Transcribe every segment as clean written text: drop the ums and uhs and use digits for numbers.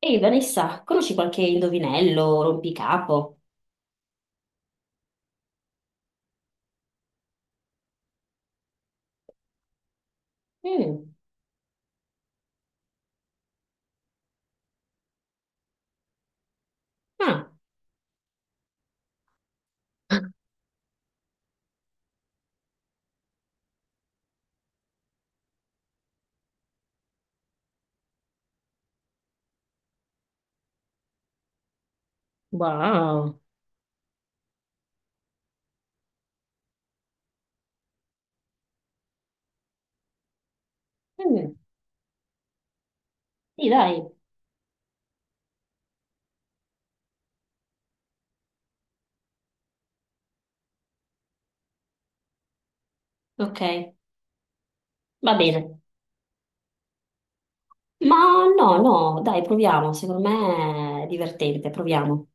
Ehi Vanessa, conosci qualche indovinello, rompicapo? Mm. Ah. Wow, mm. Sì, dai, ok, va bene. Ma no, no, dai, proviamo, secondo me è divertente, proviamo.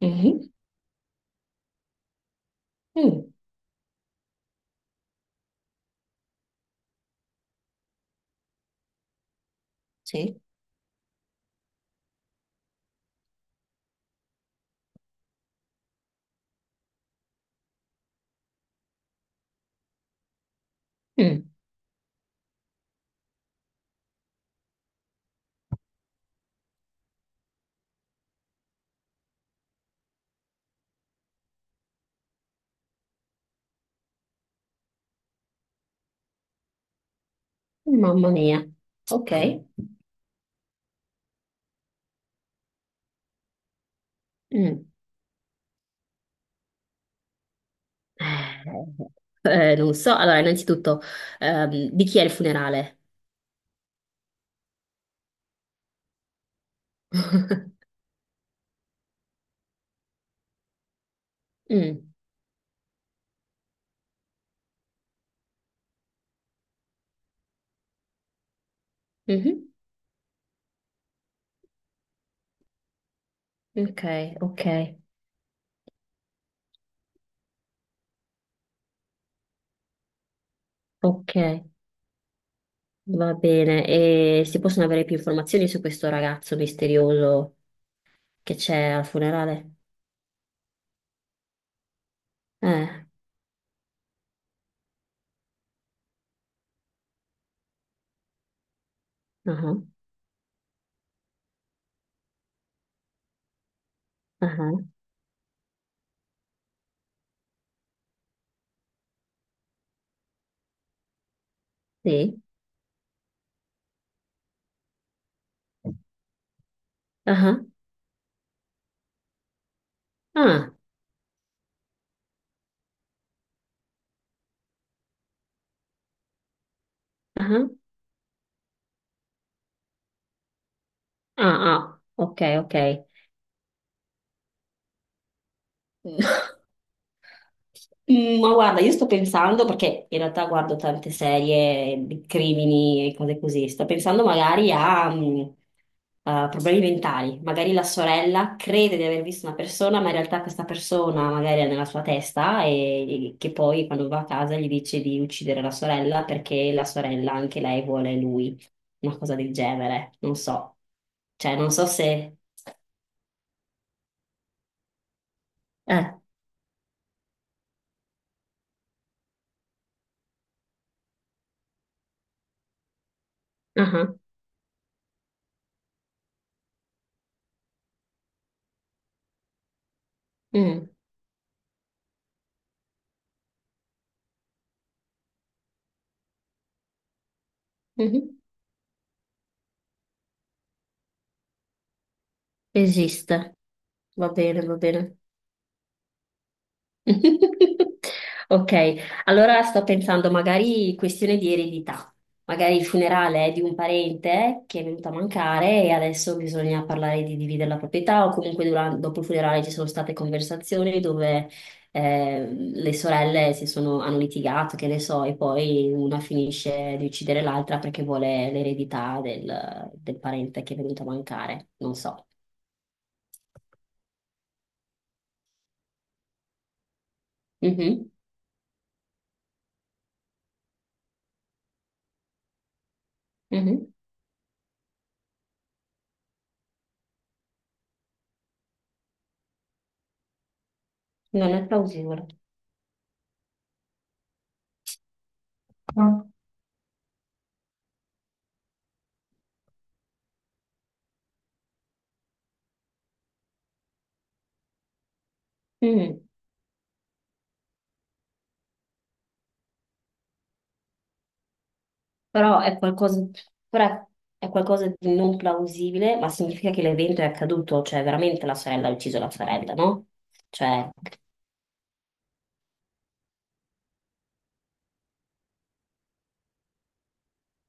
Mhm. Mm. Sì. Mm. Mamma mia, ok. Mm. Non so, allora innanzitutto, di chi è il funerale? Mm. Mhm. Ok, ok, ok. Va bene, e si possono avere più informazioni su questo ragazzo misterioso che c'è al funerale? Eh, ah, ah, sì, ah, ah, ah, ah, ah, ok, ok. Sì. Mm, ma guarda, io sto pensando, perché in realtà guardo tante serie di crimini e cose così, sto pensando magari a, a problemi mentali. Magari la sorella crede di aver visto una persona, ma in realtà questa persona magari è nella sua testa, e che poi quando va a casa gli dice di uccidere la sorella perché la sorella anche lei vuole lui, una cosa del genere, non so. Cioè, non so se. Eh, ah, mm. Mhm. Esiste. Va bene, va bene. Ok, allora sto pensando magari questione di eredità, magari il funerale è di un parente che è venuto a mancare e adesso bisogna parlare di dividere la proprietà o comunque dopo il funerale ci sono state conversazioni dove le sorelle hanno litigato, che ne so, e poi una finisce di uccidere l'altra perché vuole l'eredità del parente che è venuto a mancare, non so. Mhm, mhm. Non è plausibile. No. Mm. Però è qualcosa, però è qualcosa di non plausibile, ma significa che l'evento è accaduto, cioè veramente la sorella ha ucciso la sorella, no? Cioè,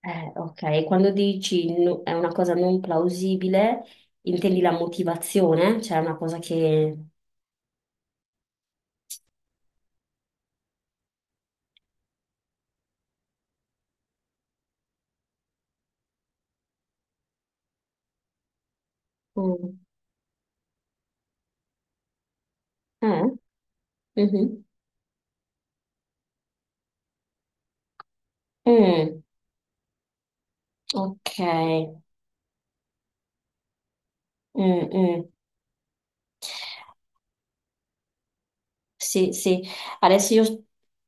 ok, quando dici è una cosa non plausibile, intendi la motivazione, cioè è una cosa che. Mm. Eh? Mhm. Mm. Ok. Mm, mm. Sì, adesso io,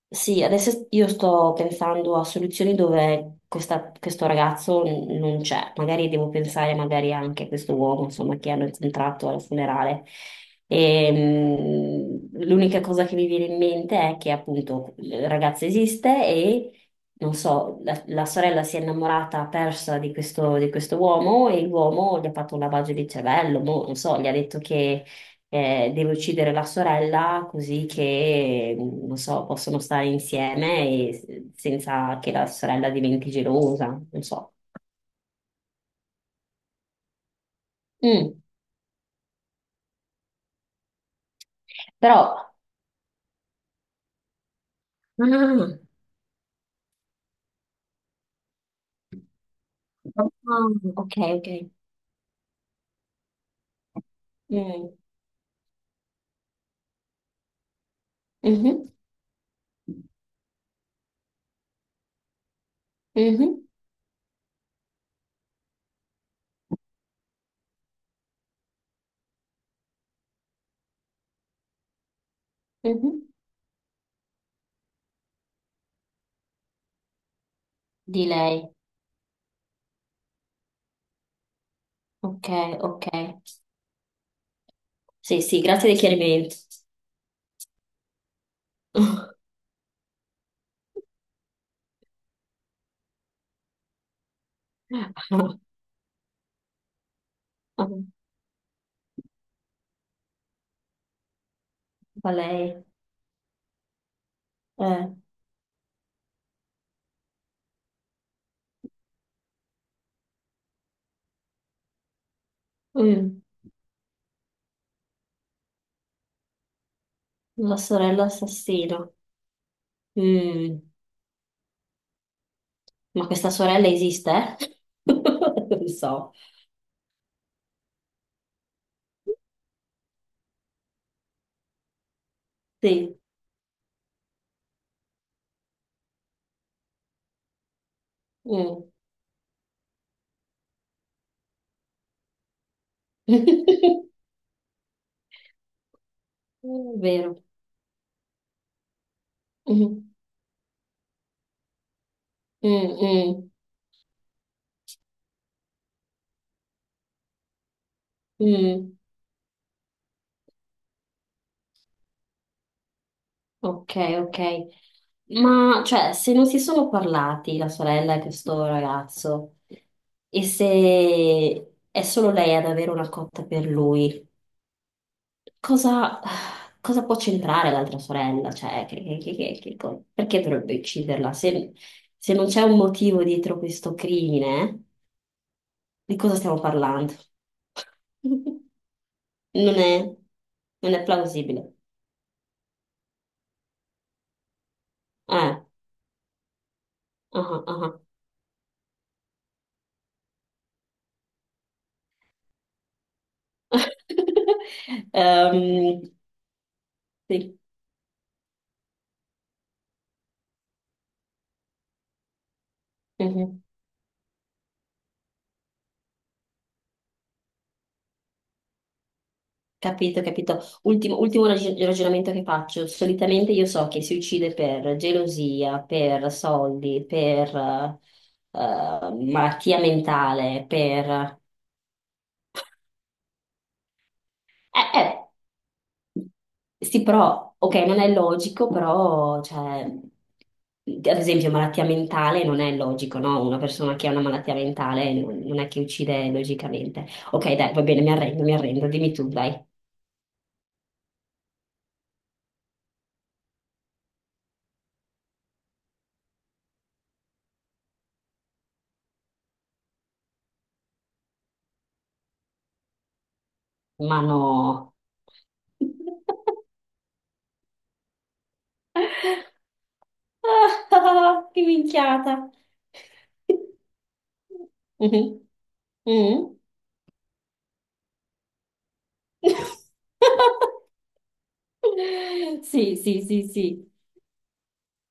sì, adesso io sto pensando a soluzioni dove questo ragazzo non c'è, magari devo pensare magari anche a questo uomo, insomma, che hanno incontrato al funerale. E, l'unica cosa che mi viene in mente è che appunto il ragazzo esiste e, non so, la sorella si è innamorata persa di questo uomo e l'uomo gli ha fatto un lavaggio di cervello, boh, non so, gli ha detto che deve uccidere la sorella così che, non so, possono stare insieme e senza che la sorella diventi gelosa, non so. Mm. Però. Ah, ah, ok, ok. Mm. Mhm, mhm, mhm. Di lei. Ok, ok. Sì, sì, grazie del chiarimento. Va lei. Eh, mm, La sorella assassina. Mm. Ma questa sorella esiste? Non lo so. Sì. Mm. È vero. Mm. Mm, mm, mm. Ok, ok. Ma cioè, se non si sono parlati la sorella e questo ragazzo, e se è solo lei ad avere una cotta per lui, cosa, cosa può c'entrare l'altra sorella? Cioè, perché dovrebbe ucciderla? Se non c'è un motivo dietro questo crimine. Di cosa stiamo parlando? Non è, non è plausibile. Eh, ah, ah. Ehm, sì, mhm. Capito, capito. Ultimo, ultimo ragionamento che faccio. Solitamente io so che si uccide per gelosia, per soldi, per malattia mentale, per. eh, eh, Sì, però, ok, non è logico, però, cioè, ad esempio, malattia mentale non è logico, no? Una persona che ha una malattia mentale non è che uccide logicamente. Ok, dai, va bene, mi arrendo, dimmi tu, dai. Ma no. Ah, che minchiata. Mhm. Mhm. Sì, sì, sì, sì.